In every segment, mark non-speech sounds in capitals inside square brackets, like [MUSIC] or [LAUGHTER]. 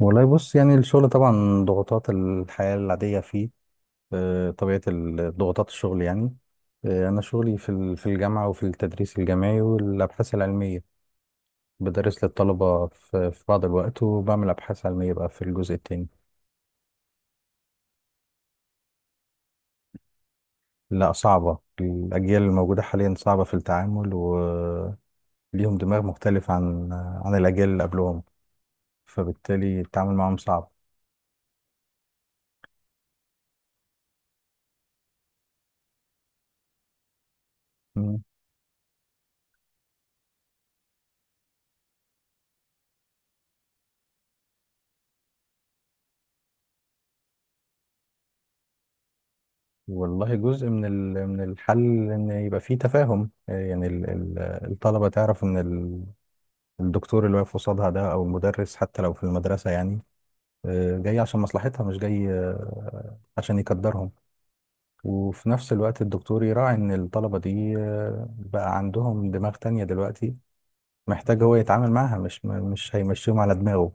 والله بص، يعني الشغل طبعا ضغوطات الحياة العادية فيه. ضغوطات الشغل يعني. أنا شغلي في الجامعة وفي التدريس الجامعي والأبحاث العلمية. بدرس للطلبة في بعض الوقت وبعمل أبحاث علمية بقى في الجزء التاني. لا، صعبة، الأجيال الموجودة حاليا صعبة في التعامل وليهم دماغ مختلف عن الأجيال اللي قبلهم، فبالتالي التعامل معهم صعب. والله، جزء من الحل ان يبقى فيه تفاهم، يعني الطلبه تعرف ان الدكتور اللي واقف قصادها ده او المدرس حتى لو في المدرسه، يعني، جاي عشان مصلحتها مش جاي عشان يقدرهم. وفي نفس الوقت الدكتور يراعي ان الطلبه دي بقى عندهم دماغ تانية دلوقتي، محتاج هو يتعامل معاها مش هيمشيهم على دماغه.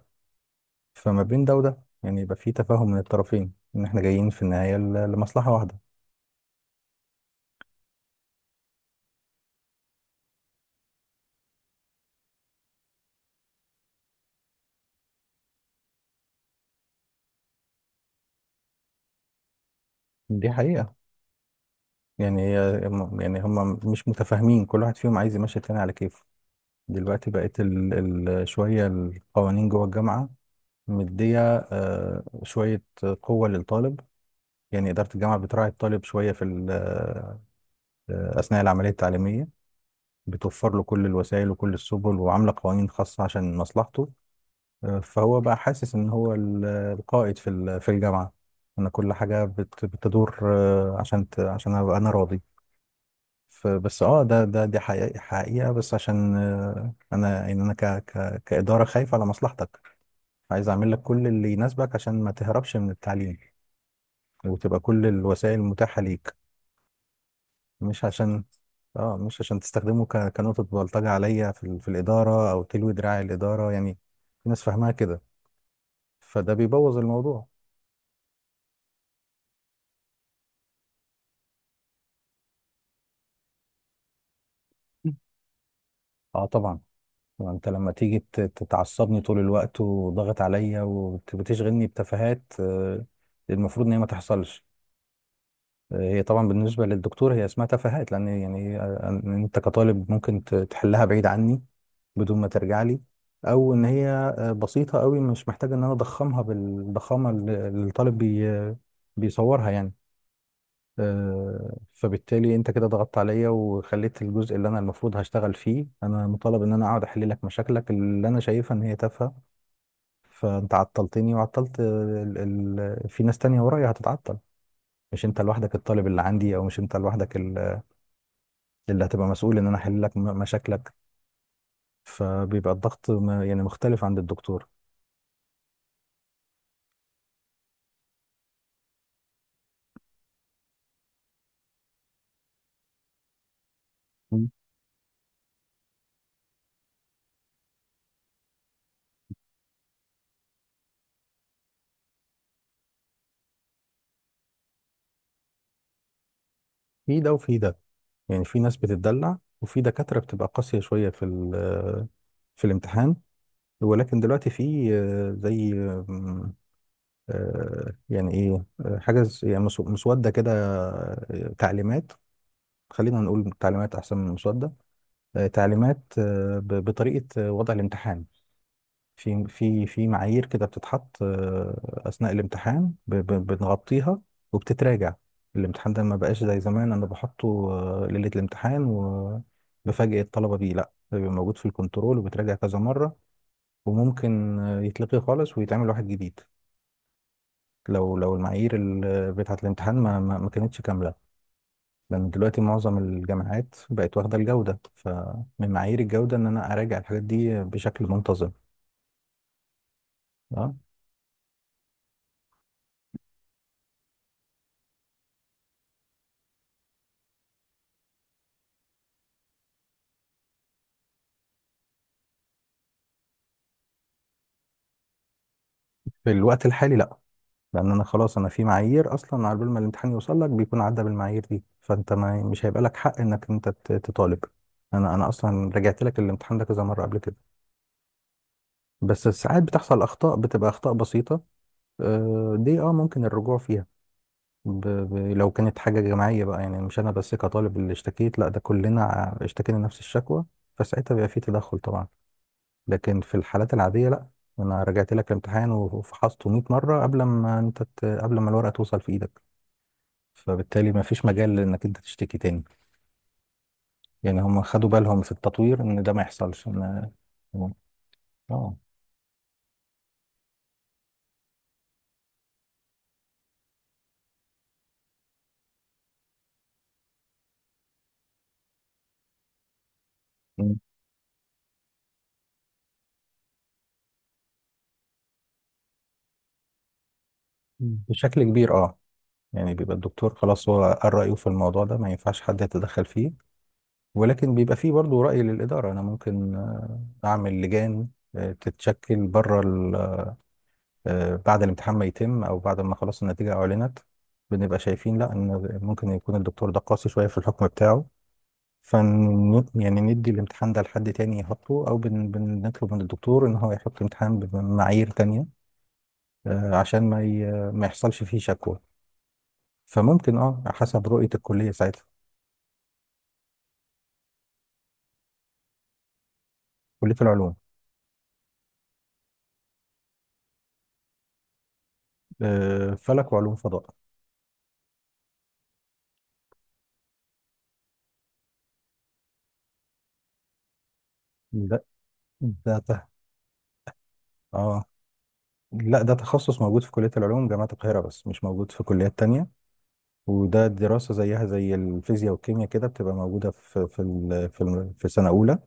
فما بين ده وده، يعني، يبقى فيه تفاهم من الطرفين، ان احنا جايين في النهايه ل- لمصلحه واحده. دي حقيقه. يعني هي يعني هم مش متفاهمين، كل واحد فيهم عايز يمشي التاني على كيفه. دلوقتي بقت شوية القوانين جوه الجامعة مدية، شوية قوة للطالب. يعني إدارة الجامعة بتراعي الطالب شوية في ال... آه، أثناء العملية التعليمية، بتوفر له كل الوسائل وكل السبل وعاملة قوانين خاصة عشان مصلحته. فهو بقى حاسس إن هو القائد في الجامعة، إن كل حاجة بتدور عشان عشان أبقى أنا راضي. فبس اه ده ده دي حقيقة، بس عشان انا، يعني، انا ك ك كإدارة خايف على مصلحتك، عايز اعمل لك كل اللي يناسبك عشان ما تهربش من التعليم وتبقى كل الوسائل متاحة ليك. مش عشان اه مش عشان تستخدمه كنقطة بلطجة عليا في الإدارة او تلوي دراع الإدارة، يعني. في ناس فاهمها كده، فده بيبوظ الموضوع. اه، طبعا. ما انت لما تيجي تتعصبني طول الوقت وضغط عليا وبتشغلني بتفاهات، المفروض ان هي ما تحصلش. هي طبعا بالنسبة للدكتور هي اسمها تفاهات، لأن يعني أنت كطالب ممكن تحلها بعيد عني بدون ما ترجع لي، أو إن هي بسيطة قوي، مش محتاجة إن أنا أضخمها بالضخامة اللي الطالب بيصورها، يعني. فبالتالي أنت كده ضغطت عليا وخليت الجزء اللي أنا المفروض هشتغل فيه، أنا مطالب إن أنا أقعد أحل لك مشاكلك اللي أنا شايفها إن هي تافهة. فأنت عطلتني وعطلت، في ناس تانية ورايا هتتعطل، مش انت لوحدك الطالب اللي عندي، او مش انت لوحدك اللي هتبقى مسؤول ان انا احل لك مشاكلك. فبيبقى الضغط يعني مختلف عند الدكتور. مم. في ده وفي ده، يعني في ناس بتتدلع وفي دكاترة بتبقى قاسية شوية في الامتحان. ولكن دلوقتي في، زي، آم، آه، يعني ايه، حاجة، يعني، مسودة كده، تعليمات. خلينا نقول تعليمات احسن من مسودة. تعليمات بطريقة وضع الامتحان. في معايير كده بتتحط، اثناء الامتحان بنغطيها وبتتراجع. الامتحان ده ما بقاش زي زمان انا بحطه ليله الامتحان وبفاجئ الطلبه بيه، لا، ده بيبقى موجود في الكنترول وبيتراجع كذا مره. وممكن يتلغي خالص ويتعمل واحد جديد لو المعايير بتاعه الامتحان ما كانتش كامله. لان دلوقتي معظم الجامعات بقت واخده الجوده، فمن معايير الجوده ان انا اراجع الحاجات دي بشكل منتظم. آه. في الوقت الحالي لا، لان انا خلاص في معايير اصلا، على بال ما الامتحان يوصل لك بيكون عدى بالمعايير دي، فانت ما مش هيبقى لك حق انك انت تطالب. انا اصلا رجعت لك الامتحان ده كذا مره قبل كده. بس ساعات بتحصل اخطاء، بتبقى اخطاء بسيطه. دي ممكن الرجوع فيها، لو كانت حاجه جماعيه بقى، يعني مش انا بس كطالب اللي اشتكيت، لا ده كلنا اشتكينا نفس الشكوى، فساعتها بيبقى في تدخل طبعا. لكن في الحالات العاديه لا، انا رجعت لك الامتحان وفحصته 100 مره قبل ما الورقه توصل في ايدك. فبالتالي ما فيش مجال انك انت تشتكي تاني. يعني هم خدوا بالهم في التطوير ان ده ما يحصلش، ان. اه. مم. مم. بشكل كبير، اه. يعني بيبقى الدكتور خلاص هو قال رأيه في الموضوع ده، ما ينفعش حد يتدخل فيه. ولكن بيبقى فيه برضو رأي للإدارة، أنا ممكن أعمل لجان تتشكل، بره ال- آه، بعد الامتحان ما يتم أو بعد ما خلاص النتيجة أعلنت، بنبقى شايفين لا، إن ممكن يكون الدكتور ده قاسي شوية في الحكم بتاعه. يعني ندي الامتحان ده لحد تاني يحطه، او بنطلب من الدكتور ان هو يحط امتحان بمعايير تانية عشان ما يحصلش فيه شكوى. فممكن، اه، حسب رؤية الكلية ساعتها. كلية العلوم. فلك وعلوم فضاء. ده ده ته... اه لا، ده تخصص موجود في كلية العلوم جامعة القاهرة بس مش موجود في كليات تانية. وده دراسة زيها زي الفيزياء والكيمياء كده، بتبقى موجودة في سنة أولى.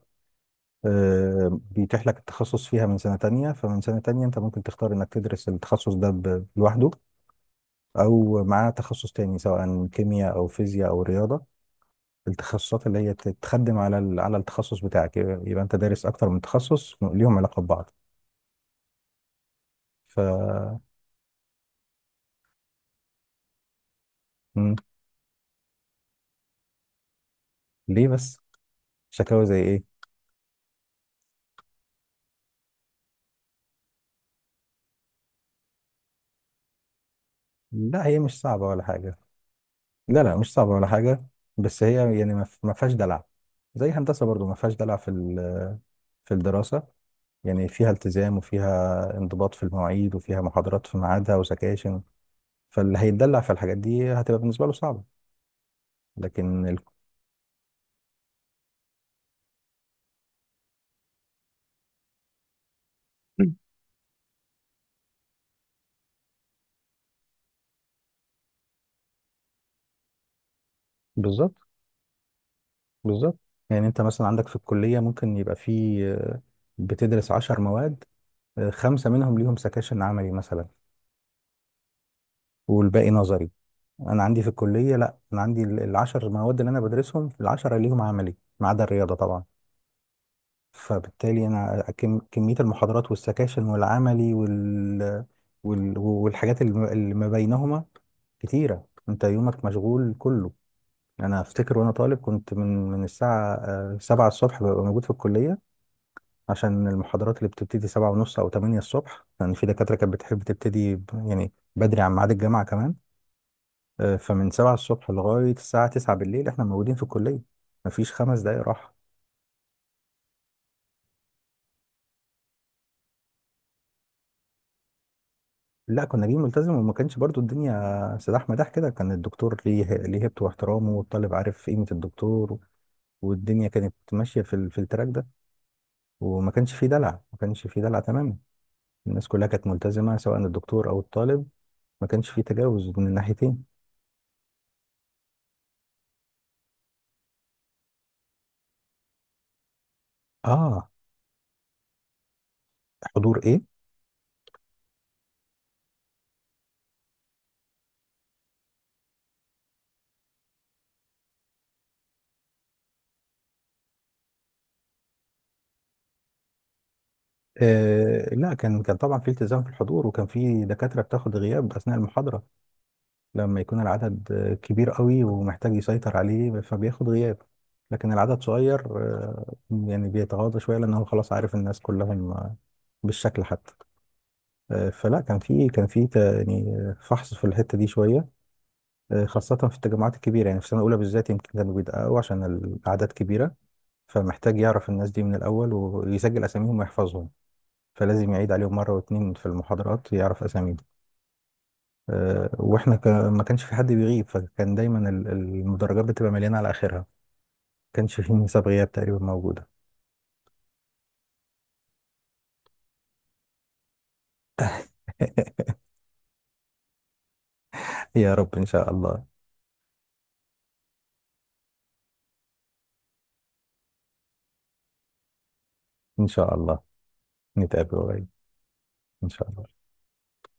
بيتيح لك التخصص فيها من سنة تانية، فمن سنة تانية انت ممكن تختار انك تدرس التخصص ده لوحده، او مع تخصص تاني، سواء كيمياء او فيزياء او رياضة. التخصصات اللي هي تتخدم على التخصص بتاعك، يبقى انت دارس اكتر من تخصص ليهم علاقة ببعض. ف. مم. ليه بس؟ شكاوى زي ايه؟ لا هي مش صعبة ولا حاجة. لا، لا، مش صعبة ولا حاجة. بس هي، يعني، ما فيهاش دلع. زي هندسة برضو ما فيهاش دلع في الدراسة. يعني فيها التزام وفيها انضباط في المواعيد وفيها محاضرات في ميعادها وسكاشن. فاللي هيتدلع في الحاجات دي هتبقى بالنسبة له صعبة. لكن ال... مم. بالظبط، بالظبط. يعني انت مثلا عندك في الكلية ممكن يبقى في، بتدرس 10 مواد، 5 منهم ليهم سكاشن عملي مثلا، والباقي نظري. انا عندي في الكلية لا، انا عندي العشر مواد اللي انا بدرسهم العشرة ليهم عملي، ما عدا الرياضة طبعا. فبالتالي انا، كميه المحاضرات والسكاشن والعملي والحاجات اللي ما بينهما كتيره. انت يومك مشغول كله. انا افتكر وانا طالب، كنت من الساعه، 7 الصبح ببقى موجود في الكليه، عشان المحاضرات اللي بتبتدي 7:30 او 8 الصبح، لان يعني في دكاتره كانت بتحب تبتدي يعني بدري عن ميعاد الجامعه كمان. فمن 7 الصبح لغايه الساعه 9 بالليل احنا موجودين في الكليه، مفيش 5 دقايق راحه. لا، كنا جايين ملتزم، وما كانش برضو الدنيا سلاح مداح كده، كان الدكتور ليه هيبته واحترامه، والطالب عارف قيمة الدكتور. والدنيا كانت ماشية في التراك ده، وما كانش فيه دلع، ما كانش فيه دلع تماما. الناس كلها كانت ملتزمة، سواء الدكتور أو الطالب، ما كانش فيه تجاوز من الناحيتين. اه، حضور ايه؟ لا، كان طبعا في التزام في الحضور، وكان في دكاترة بتاخد غياب أثناء المحاضرة لما يكون العدد كبير قوي ومحتاج يسيطر عليه، فبياخد غياب. لكن العدد صغير، يعني بيتغاضى شوية، لأن هو خلاص عارف الناس كلهم بالشكل حتى. فلا، كان في يعني فحص في الحتة دي شوية، خاصة في التجمعات الكبيرة، يعني في السنة الأولى بالذات يمكن كانوا بيدققوا عشان الأعداد كبيرة. فمحتاج يعرف الناس دي من الأول ويسجل أساميهم ويحفظهم، فلازم يعيد عليهم مرة واتنين في المحاضرات يعرف أساميهم. ما كانش في حد بيغيب، فكان دايما المدرجات بتبقى مليانه على اخرها. ما كانش في نسب غياب تقريبا موجوده. [LAUGHS] يا رب ان شاء الله. ان شاء الله نتقابل قريب. ان شاء الله.